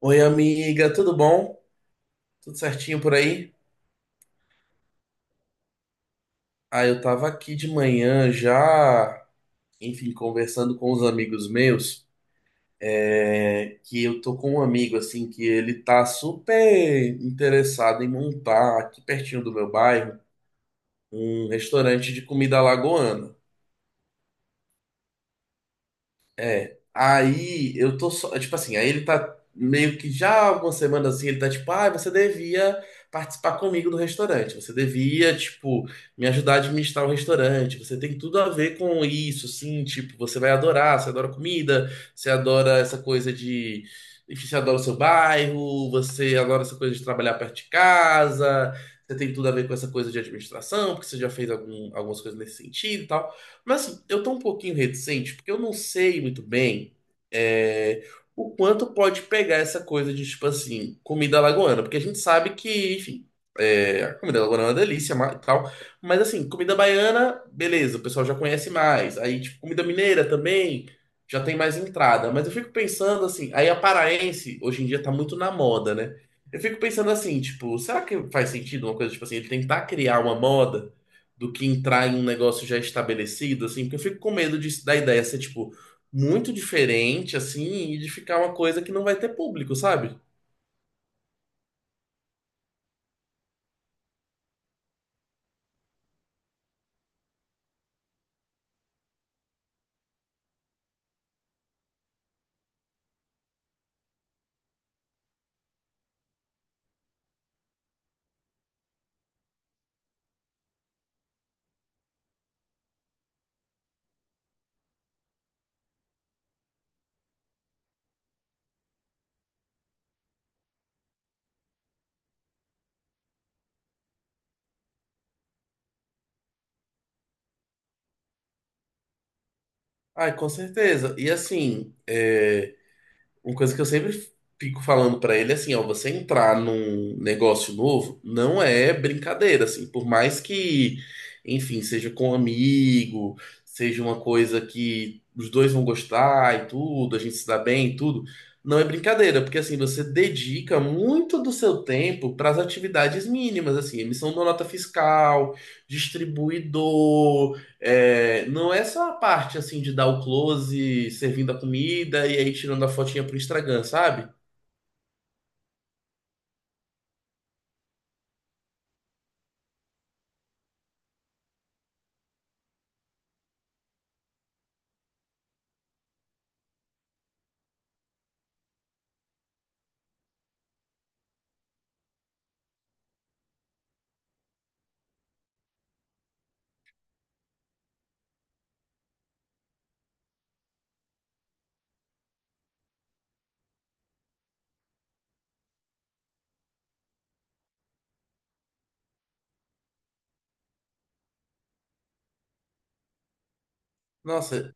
Oi, amiga, tudo bom? Tudo certinho por aí? Ah, eu tava aqui de manhã já, enfim, conversando com os amigos meus, que eu tô com um amigo, assim, que ele tá super interessado em montar, aqui pertinho do meu bairro, um restaurante de comida alagoana. É, aí eu tô só, tipo assim, aí ele tá meio que já há algumas semanas assim, ele tá tipo, ah, você devia participar comigo do restaurante, você devia, tipo, me ajudar a administrar o restaurante, você tem tudo a ver com isso, sim, tipo, você vai adorar, você adora comida, você adora essa coisa de, enfim, você adora o seu bairro, você adora essa coisa de trabalhar perto de casa, você tem tudo a ver com essa coisa de administração, porque você já fez algum, algumas coisas nesse sentido e tal. Mas assim, eu tô um pouquinho reticente, porque eu não sei muito bem é, o quanto pode pegar essa coisa de, tipo assim, comida lagoana. Porque a gente sabe que, enfim, a comida lagoana é uma delícia e tal. Mas assim, comida baiana, beleza, o pessoal já conhece mais. Aí, tipo, comida mineira também já tem mais entrada. Mas eu fico pensando assim, aí a paraense hoje em dia tá muito na moda, né? Eu fico pensando assim, tipo, será que faz sentido uma coisa, tipo assim, ele tentar criar uma moda do que entrar em um negócio já estabelecido, assim, porque eu fico com medo de da ideia ser, tipo, muito diferente, assim, e de ficar uma coisa que não vai ter público, sabe? Ai, com certeza. E assim, uma coisa que eu sempre fico falando pra ele é assim, ó, você entrar num negócio novo não é brincadeira, assim, por mais que, enfim, seja com um amigo, seja uma coisa que os dois vão gostar e tudo, a gente se dá bem e tudo, não é brincadeira, porque assim, você dedica muito do seu tempo para as atividades mínimas, assim, emissão da nota fiscal, distribuidor, não é só a parte assim de dar o close, servindo a comida e aí tirando a fotinha pro Instagram, sabe? Nossa,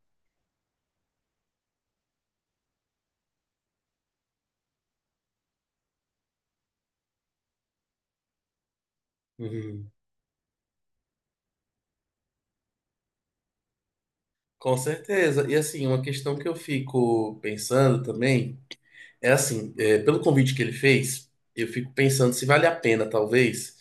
uhum, com certeza. E assim, uma questão que eu fico pensando também. É assim, pelo convite que ele fez, eu fico pensando se vale a pena, talvez.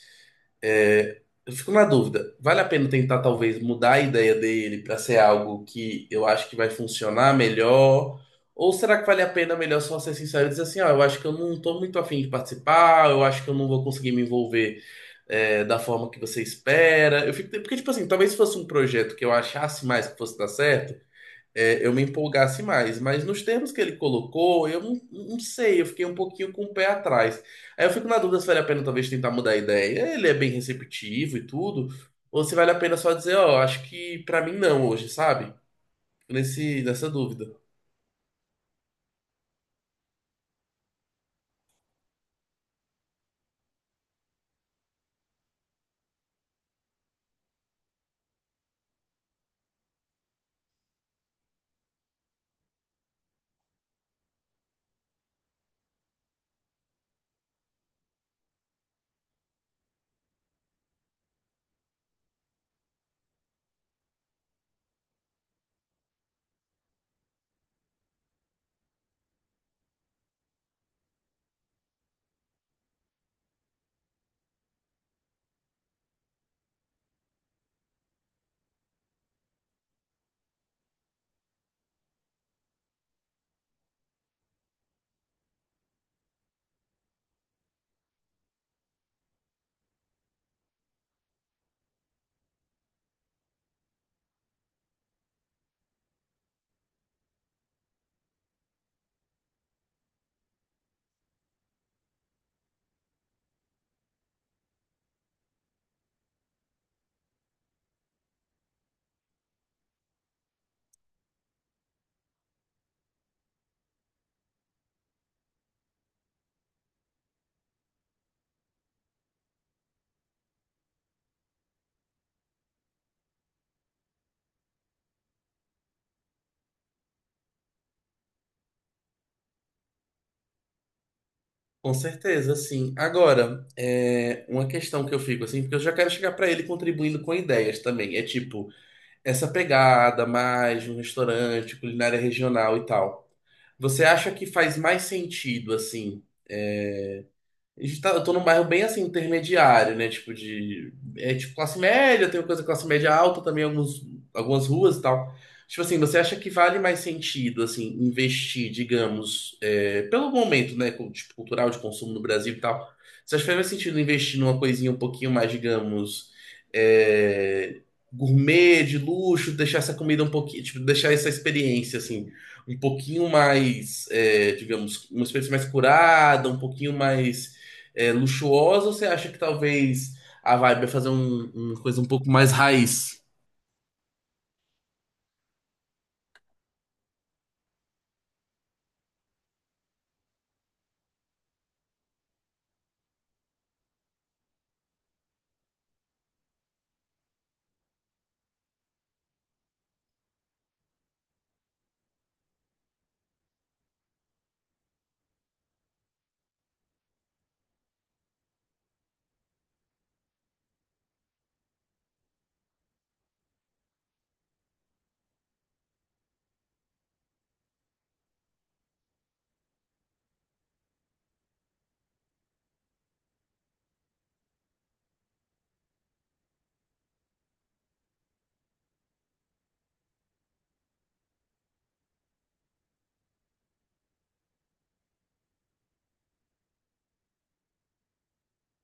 É, eu fico na dúvida. Vale a pena tentar, talvez, mudar a ideia dele para ser algo que eu acho que vai funcionar melhor? Ou será que vale a pena melhor só ser sincero e dizer assim, ó, eu acho que eu não tô muito afim de participar, eu acho que eu não vou conseguir me envolver, da forma que você espera. Eu fico, porque, tipo assim, talvez se fosse um projeto que eu achasse mais que fosse dar certo eu me empolgasse mais. Mas nos termos que ele colocou, eu não, não sei, eu fiquei um pouquinho com o pé atrás. Aí eu fico na dúvida se vale a pena talvez tentar mudar a ideia. Ele é bem receptivo e tudo, ou se vale a pena só dizer, ó, acho que pra mim não hoje, sabe? Nessa dúvida. Com certeza, sim. Agora, é uma questão que eu fico assim, porque eu já quero chegar pra ele contribuindo com ideias também. É tipo, essa pegada mais de um restaurante, culinária regional e tal. Você acha que faz mais sentido assim? Eu tô num bairro bem assim, intermediário, né? Tipo de. É tipo classe média, tem coisa de classe média alta também, alguns, algumas ruas e tal. Tipo assim, você acha que vale mais sentido, assim, investir, digamos, pelo momento, né? Tipo, cultural de consumo no Brasil e tal. Você acha que faz mais sentido investir numa coisinha um pouquinho mais, digamos, é, gourmet, de luxo, deixar essa comida um pouquinho, tipo, deixar essa experiência, assim, um pouquinho mais, digamos, uma experiência mais curada, um pouquinho mais luxuosa, ou você acha que talvez a vibe é fazer uma coisa um pouco mais raiz?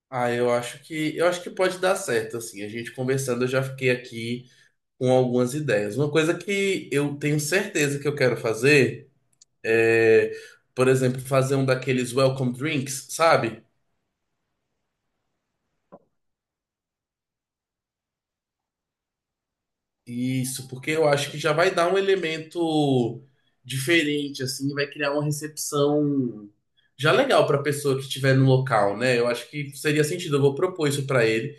Ah, eu acho que pode dar certo, assim. A gente conversando, eu já fiquei aqui com algumas ideias. Uma coisa que eu tenho certeza que eu quero fazer é, por exemplo, fazer um daqueles welcome drinks, sabe? Isso, porque eu acho que já vai dar um elemento diferente, assim, vai criar uma recepção já legal para a pessoa que estiver no local, né? Eu acho que seria sentido, eu vou propor isso para ele.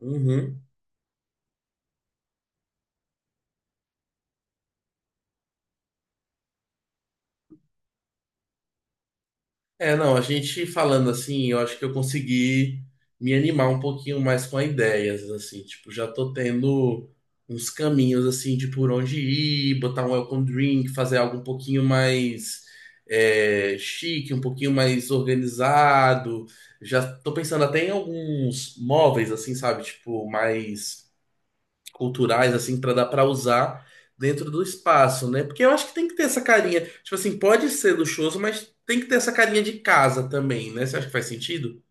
Uhum. É, não, a gente falando assim, eu acho que eu consegui me animar um pouquinho mais com as ideias, assim, tipo, já tô tendo uns caminhos, assim, de por onde ir, botar um welcome drink, fazer algo um pouquinho mais chique, um pouquinho mais organizado. Já tô pensando até em alguns móveis, assim, sabe, tipo, mais culturais assim para dar para usar dentro do espaço, né? Porque eu acho que tem que ter essa carinha, tipo assim, pode ser luxuoso, mas tem que ter essa carinha de casa também, né? Você acha que faz sentido?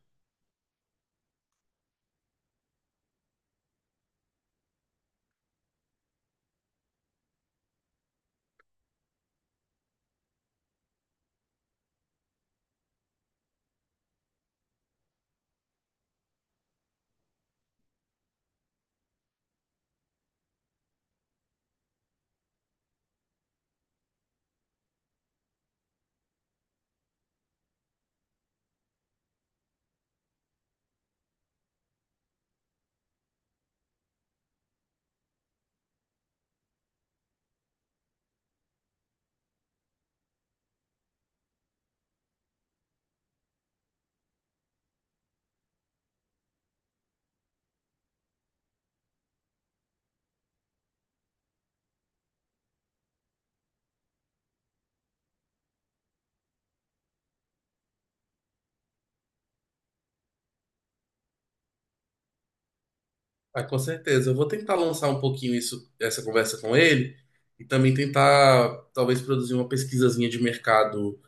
Ah, com certeza. Eu vou tentar lançar um pouquinho isso, essa conversa com ele e também tentar talvez produzir uma pesquisazinha de mercado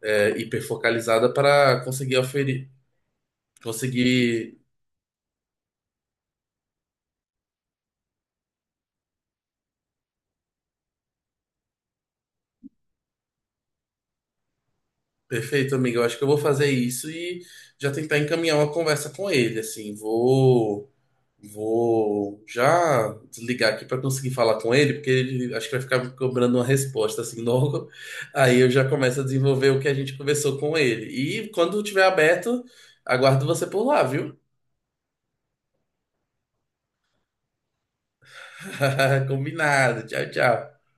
hiperfocalizada para conseguir oferir, conseguir Perfeito, amigo. Eu acho que eu vou fazer isso e já tentar encaminhar uma conversa com ele, assim, vou já desligar aqui para conseguir falar com ele, porque ele acho que vai ficar me cobrando uma resposta assim logo. Aí eu já começo a desenvolver o que a gente conversou com ele. E quando tiver aberto, aguardo você por lá, viu? Combinado. Tchau, tchau.